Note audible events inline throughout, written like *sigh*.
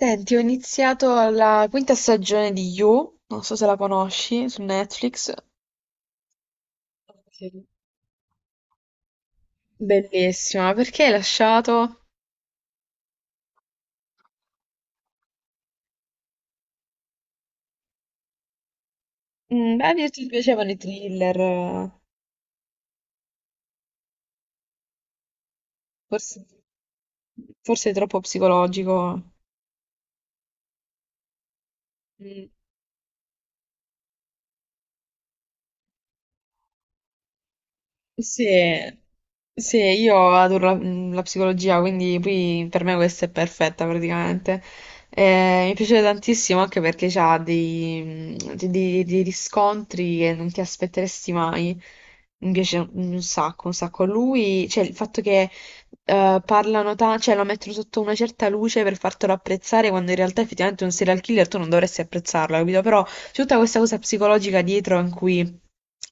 Senti, ho iniziato la quinta stagione di You, non so se la conosci, su Netflix. Ok. Bellissima, perché hai lasciato? Beh, mi ti piacevano i thriller, forse, forse è troppo psicologico. Mm. Sì, sì, io adoro la psicologia, quindi poi per me questa è perfetta praticamente. Mi piace tantissimo anche perché c'ha dei riscontri che non ti aspetteresti mai. Mi piace un sacco, un sacco. Lui, cioè il fatto che parlano tanto, cioè lo mettono sotto una certa luce per fartelo apprezzare, quando in realtà effettivamente un serial killer tu non dovresti apprezzarlo, capito? Però c'è tutta questa cosa psicologica dietro in cui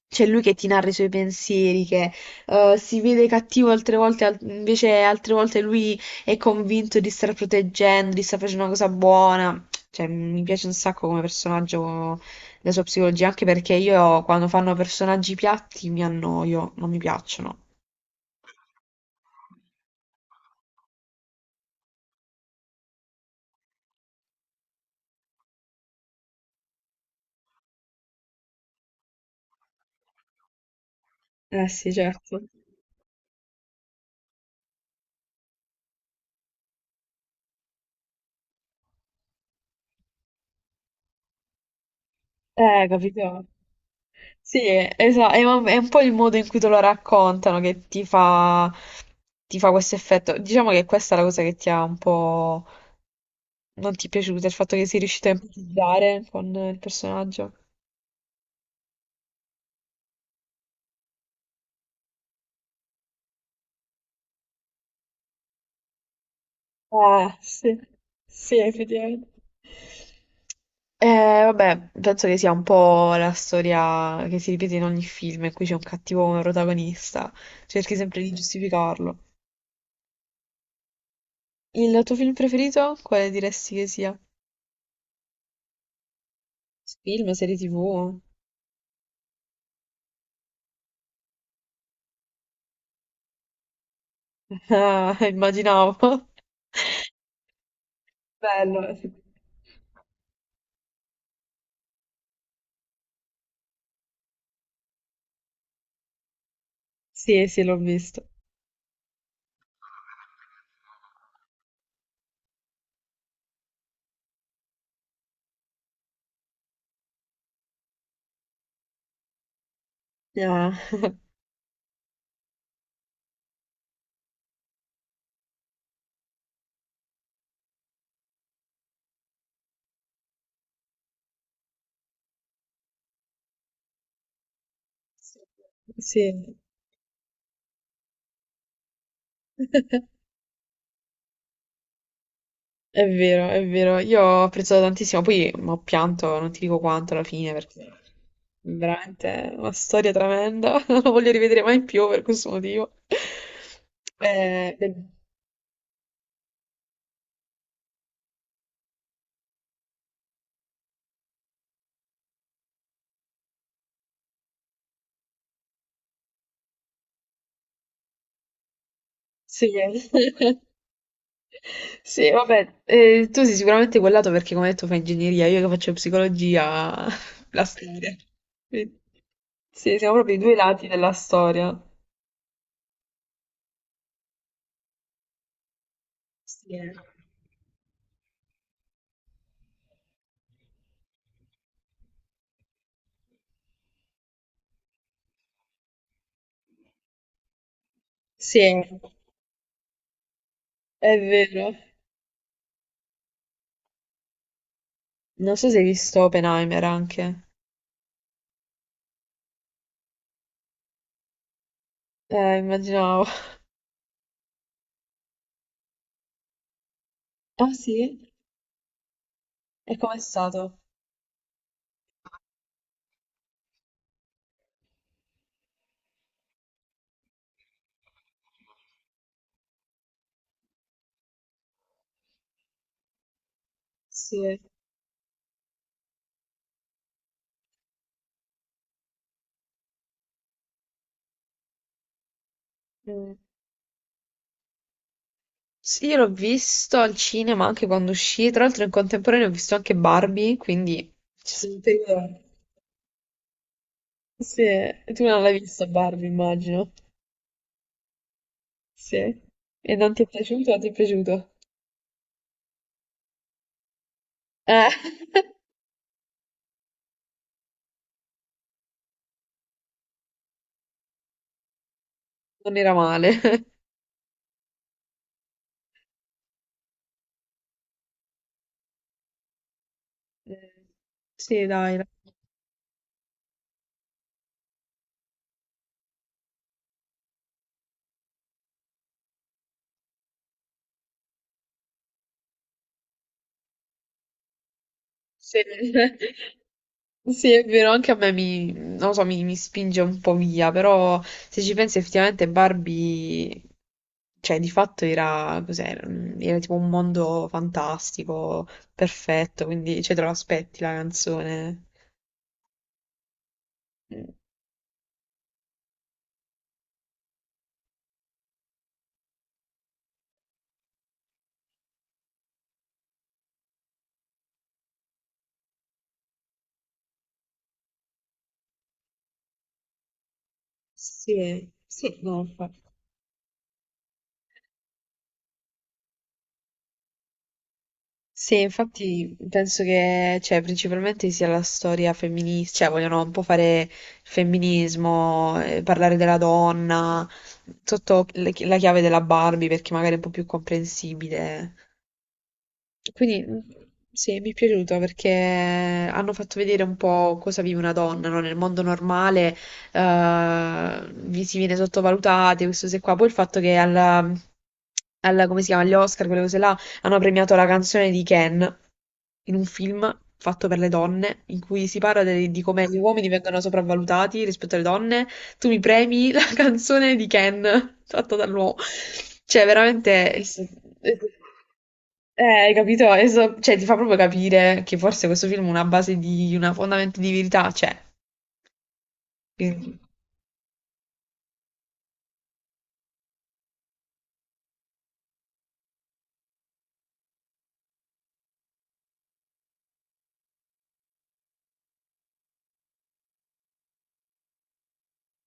c'è lui che ti narra i suoi pensieri, che si vede cattivo altre volte, invece altre volte lui è convinto di star proteggendo, di star facendo una cosa buona. Cioè, mi piace un sacco come personaggio la sua psicologia, anche perché io quando fanno personaggi piatti mi annoio, non mi piacciono. Eh sì, certo. Capito? Sì, esatto, un è un po' il modo in cui te lo raccontano che ti fa questo effetto. Diciamo che questa è la cosa che ti ha un po' non ti è piaciuta, il fatto che sei riuscito a empatizzare con il personaggio. Sì, sì, effettivamente. Vabbè, penso che sia un po' la storia che si ripete in ogni film in cui c'è un cattivo protagonista. Cerchi sempre di giustificarlo. Il tuo film preferito? Quale diresti che sia? Film, serie TV? Ah, *laughs* immaginavo. Bello. Sì, sì, l'ho visto. Ah, sì. *laughs* È vero, è vero. Io ho apprezzato tantissimo. Poi ho pianto, non ti dico quanto alla fine, perché veramente è una storia tremenda. *laughs* Non lo voglio rivedere mai più per questo motivo. Beh, sì. *laughs* Sì, vabbè, tu sei sicuramente quel lato perché come hai detto fai ingegneria, io che faccio psicologia, *laughs* la storia. Quindi, sì, siamo proprio i due lati della storia. Sì, eh. Sì, è vero. Non so se hai visto Oppenheimer anche. Immaginavo. *laughs* Ah sì? E com'è stato? Sì. Mm. Sì, io l'ho visto al cinema anche quando uscì. Tra l'altro in contemporanea ho visto anche Barbie, quindi... Ci sono un periodo. Sì, e tu non l'hai vista Barbie, immagino. Sì. E non ti è piaciuto o ti è piaciuto? Eh, *laughs* non era male. Eh, Sì, dai. Dai. Sì. *laughs* Sì, è vero, anche a me mi, non lo so, mi spinge un po' via, però se ci pensi effettivamente Barbie, cioè di fatto era, cos'era? Era tipo un mondo fantastico, perfetto, quindi cioè, te lo aspetti la canzone. Mm, Sì, sì, no, infatti. Sì, infatti penso che, cioè, principalmente sia la storia femminista, cioè vogliono un po' fare il femminismo, parlare della donna, sotto la chiave della Barbie perché magari è un po' più comprensibile. Quindi sì, mi è piaciuto perché hanno fatto vedere un po' cosa vive una donna, no? Nel mondo normale vi si viene sottovalutate, questo se qua. Poi il fatto che come si chiama, agli Oscar, quelle cose là, hanno premiato la canzone di Ken in un film fatto per le donne, in cui si parla di come gli uomini vengono sopravvalutati rispetto alle donne. Tu mi premi, *laughs* Canzone di Ken, fatta dall'uomo. Cioè, veramente, è- hai capito? Cioè, ti fa proprio capire che forse questo film ha una base di una fondamento di verità, cioè. quindi-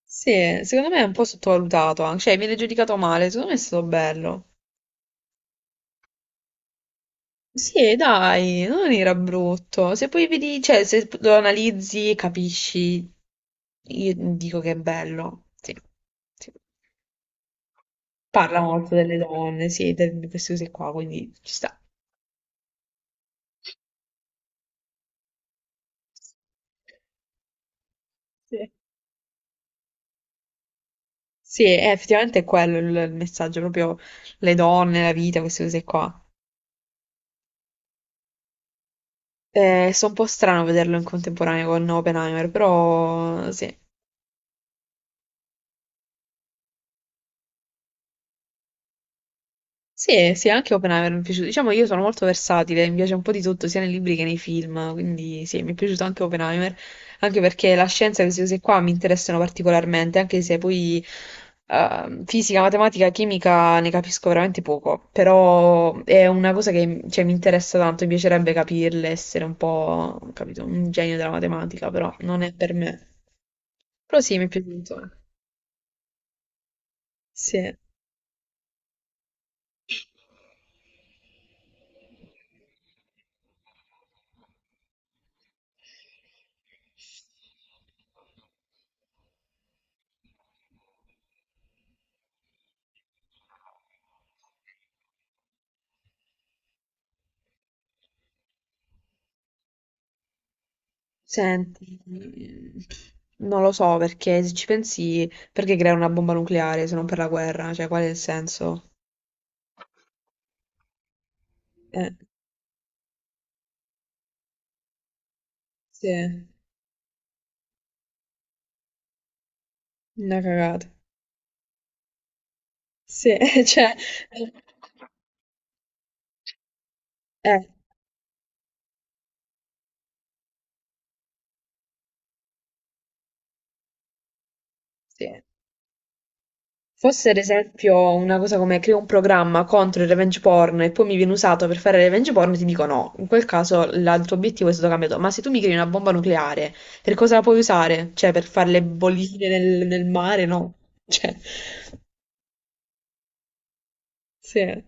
Sì, secondo me è un po' sottovalutato, anche. Cioè, viene giudicato male, secondo me è stato bello. Sì, dai, non era brutto. Se poi vedi, cioè, se lo analizzi e capisci, io dico che è bello. Sì. Sì. Parla molto delle donne, sì, di queste cose qua, quindi ci sta. Sì, sì, è effettivamente è quello il messaggio, proprio le donne, la vita, queste cose qua. So un po' strano vederlo in contemporanea con Oppenheimer, però sì. Sì, sì, anche Oppenheimer mi è piaciuto. Diciamo che io sono molto versatile, mi piace un po' di tutto, sia nei libri che nei film, quindi sì, mi è piaciuto anche Oppenheimer, anche perché la scienza e queste cose qua mi interessano particolarmente, anche se poi fisica, matematica, chimica ne capisco veramente poco, però è una cosa che cioè, mi interessa tanto, mi piacerebbe capirle, essere un po', capito, un genio della matematica, però non è per me. Però sì, mi è piaciuto. Sì. Senti, non lo so perché se ci pensi, perché creare una bomba nucleare se non per la guerra? Cioè, qual è il senso? Eh, sì, una cagata. Sì, *laughs* cioè, eh, sì. Fosse ad esempio una cosa come creo un programma contro il revenge porn e poi mi viene usato per fare il revenge porn, ti dico no. In quel caso il tuo obiettivo è stato cambiato. Ma se tu mi crei una bomba nucleare, per cosa la puoi usare? Cioè, per fare le bollicine nel mare? No. Cioè, sì.